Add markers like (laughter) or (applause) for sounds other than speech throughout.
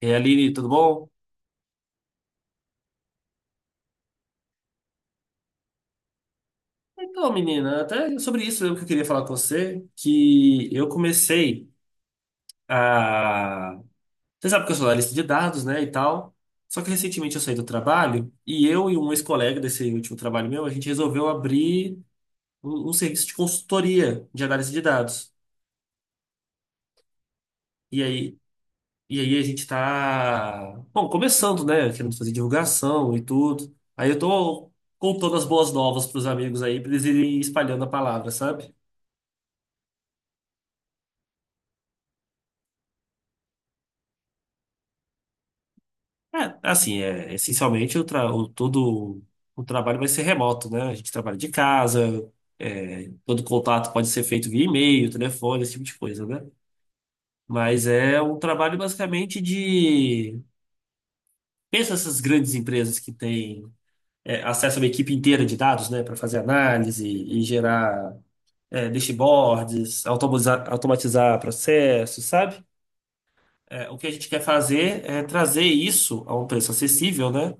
E aí, Aline, tudo bom? Então, menina, até sobre isso mesmo que eu queria falar com você, que eu comecei a... Você sabe que eu sou analista de dados, né, e tal. Só que recentemente eu saí do trabalho e eu e um ex-colega desse último trabalho meu, a gente resolveu abrir um serviço de consultoria de análise de dados. E aí, e aí a gente tá, bom, começando, né, querendo fazer divulgação e tudo. Aí eu tô contando as boas novas pros amigos aí, pra eles irem espalhando a palavra, sabe? É, assim, é, essencialmente todo o trabalho vai ser remoto, né? A gente trabalha de casa, todo contato pode ser feito via e-mail, telefone, esse tipo de coisa, né? Mas é um trabalho basicamente de... Pensa essas grandes empresas que têm acesso a uma equipe inteira de dados, né? Para fazer análise e gerar dashboards, automatizar processos, sabe? É, o que a gente quer fazer é trazer isso a um preço acessível, né?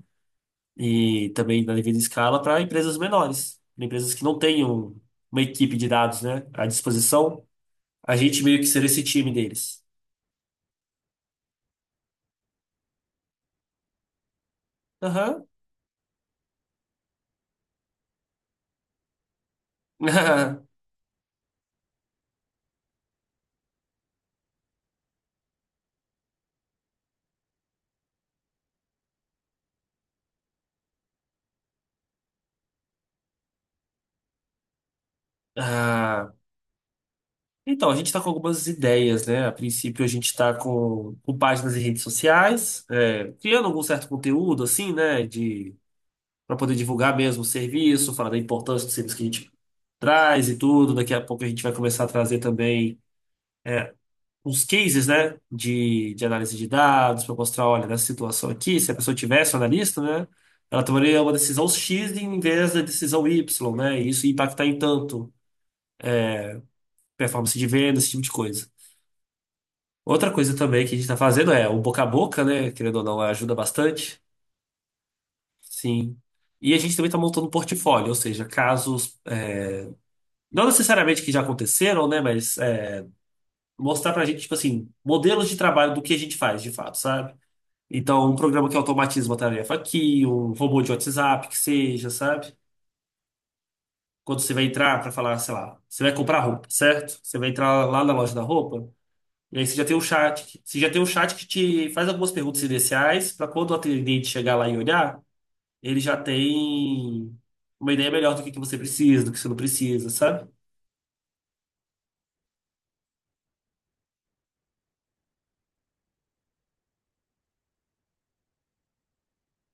E também na devida escala para empresas menores, pra empresas que não tenham uma equipe de dados, né, à disposição, a gente meio que ser esse time deles. Aham. (laughs) Ah, então, a gente está com algumas ideias, né? A princípio, a gente está com páginas em redes sociais, é, criando algum certo conteúdo, assim, né? De, para poder divulgar mesmo o serviço, falar da importância do serviço que a gente traz e tudo. Daqui a pouco a gente vai começar a trazer também uns cases, né, de análise de dados para mostrar, olha, nessa situação aqui, se a pessoa tivesse um analista, né, ela tomaria uma decisão X em vez da decisão Y, né, e isso ia impactar em tanto performance de venda, esse tipo de coisa. Outra coisa também que a gente está fazendo é o boca a boca, né, querendo ou não, é, ajuda bastante, sim. E a gente também está montando um portfólio, ou seja, casos, é, não necessariamente que já aconteceram, né, mas é, mostrar para a gente, tipo assim, modelos de trabalho do que a gente faz de fato, sabe? Então, um programa que automatiza uma tarefa aqui, um robô de WhatsApp, que seja, sabe? Quando você vai entrar para falar, sei lá, você vai comprar roupa, certo? Você vai entrar lá na loja da roupa, e aí você já tem um Você já tem um chat que te faz algumas perguntas iniciais, para quando o atendente chegar lá e olhar, ele já tem uma ideia melhor do que você precisa, do que você não precisa, sabe?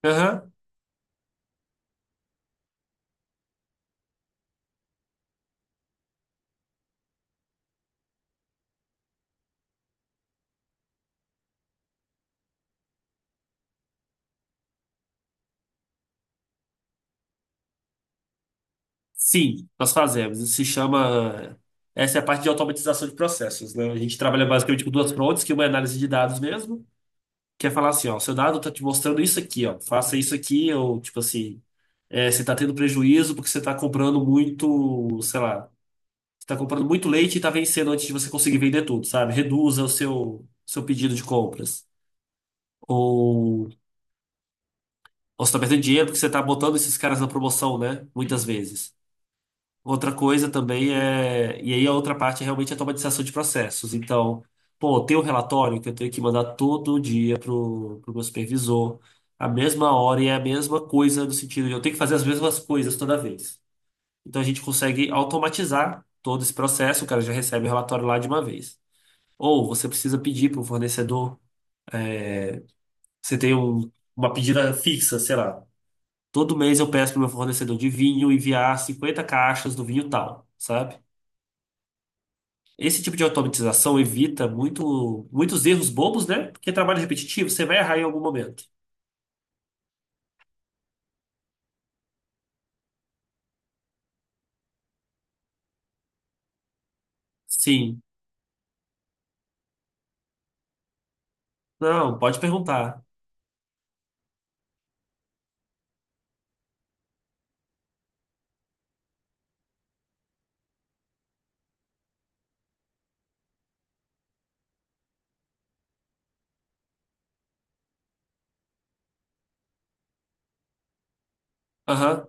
Aham. Sim, nós fazemos. Isso se chama. Essa é a parte de automatização de processos, né? A gente trabalha basicamente com duas frontes, que uma é análise de dados mesmo, que é falar assim, ó, seu dado tá te mostrando isso aqui, ó, faça isso aqui, ou tipo assim, é, você tá tendo prejuízo porque você tá comprando muito, sei lá, você tá comprando muito leite e tá vencendo antes de você conseguir vender tudo, sabe? Reduza o seu, seu pedido de compras. Ou, ou você tá perdendo dinheiro porque você tá botando esses caras na promoção, né? Muitas vezes. Outra coisa também é. E aí a outra parte realmente é realmente a automatização de processos. Então, pô, tem um relatório que eu tenho que mandar todo dia pro, pro meu supervisor, a mesma hora e é a mesma coisa, no sentido de eu tenho que fazer as mesmas coisas toda vez. Então a gente consegue automatizar todo esse processo, o cara já recebe o relatório lá de uma vez. Ou você precisa pedir para o fornecedor, você tem um- uma pedida fixa, sei lá. Todo mês eu peço para o meu fornecedor de vinho enviar 50 caixas do vinho tal, sabe? Esse tipo de automatização evita muito, muitos erros bobos, né? Porque trabalho repetitivo, você vai errar em algum momento. Sim. Não, pode perguntar. Aham.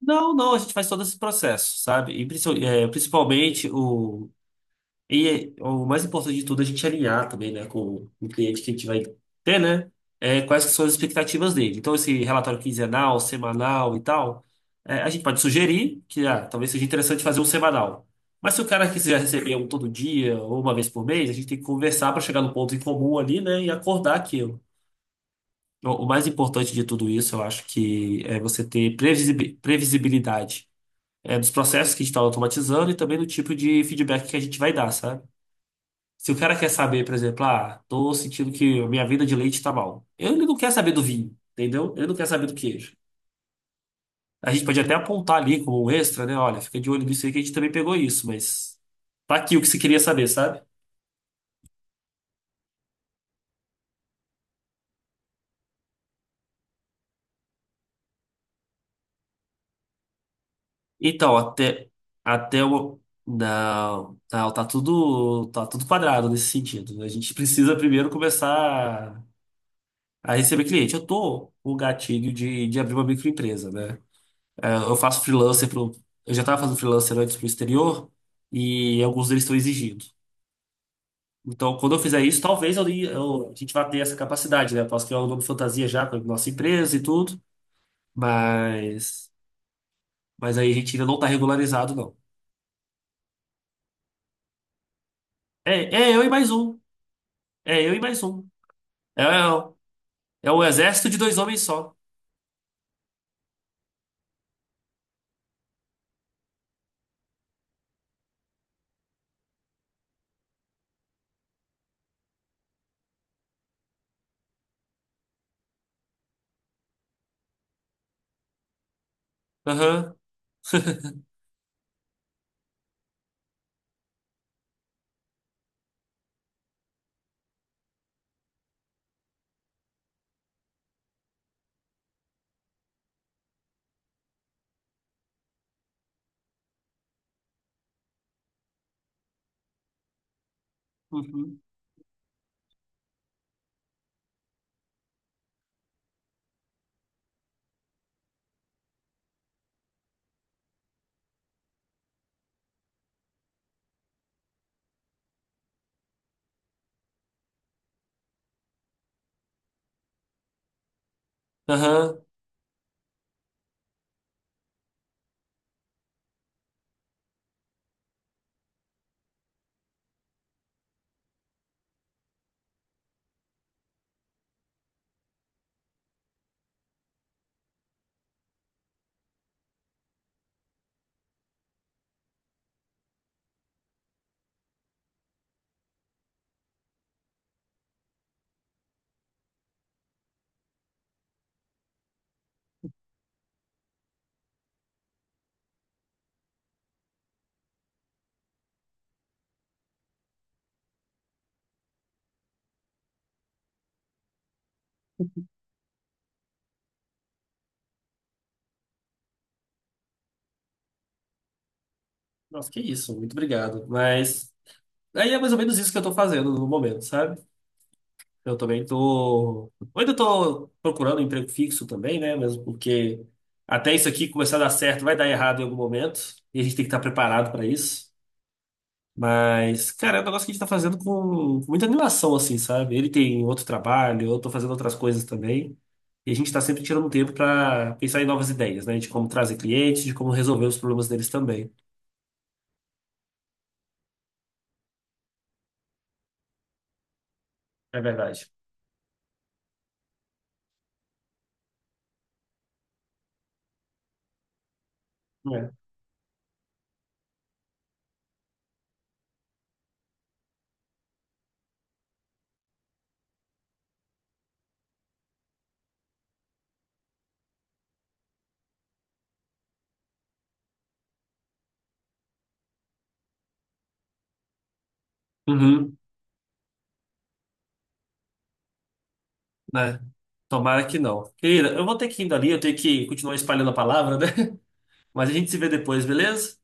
Não, não, a gente faz todo esse processo, sabe? E principalmente o, e o mais importante de tudo é a gente alinhar também, né, com o cliente que a gente vai ter, né? É, quais que são as expectativas dele. Então, esse relatório quinzenal, semanal e tal, é, a gente pode sugerir que ah, talvez seja interessante fazer um semanal. Mas se o cara quiser receber um todo dia ou uma vez por mês, a gente tem que conversar para chegar no ponto em comum ali, né, e acordar aquilo. O mais importante de tudo isso, eu acho que é você ter previsibilidade, é, dos processos que a gente está automatizando e também do tipo de feedback que a gente vai dar, sabe? Se o cara quer saber, por exemplo, ah, tô sentindo que a minha vida de leite tá mal. Ele não quer saber do vinho, entendeu? Ele não quer saber do queijo. A gente pode até apontar ali como um extra, né? Olha, fica de olho nisso aí que a gente também pegou isso, mas tá aqui o que você queria saber, sabe? Então, até o não, não, tá tudo quadrado nesse sentido, né? A gente precisa primeiro começar a receber cliente. Eu tô com o gatilho de abrir uma microempresa, né? É, eu faço freelancer pro, eu já estava fazendo freelancer antes pro exterior e alguns deles estão exigindo. Então, quando eu fizer isso, talvez a gente vá ter essa capacidade, né? Eu posso criar um nome fantasia já com a nossa empresa e tudo, mas, mas aí a gente ainda não está regularizado, não. É, é eu e mais um. É eu e mais um. É, é o é o exército de dois homens só. Aham. Uhum. Aham. Nossa, que isso. Muito obrigado. Mas aí é mais ou menos isso que eu estou fazendo no momento, sabe? Eu também tô. Eu ainda tô procurando um emprego fixo também, né? Mesmo porque até isso aqui começar a dar certo, vai dar errado em algum momento. E a gente tem que estar preparado para isso. Mas, cara, é um negócio que a gente tá fazendo com muita animação, assim, sabe? Ele tem outro trabalho, eu tô fazendo outras coisas também. E a gente tá sempre tirando um tempo para pensar em novas ideias, né? De como trazer clientes, de como resolver os problemas deles também. É verdade. É. Uhum, né? Tomara que não. Querida, eu vou ter que ir indo ali, eu tenho que continuar espalhando a palavra, né? Mas a gente se vê depois, beleza?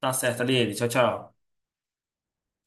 Tá certo, Aline. Tchau, tchau.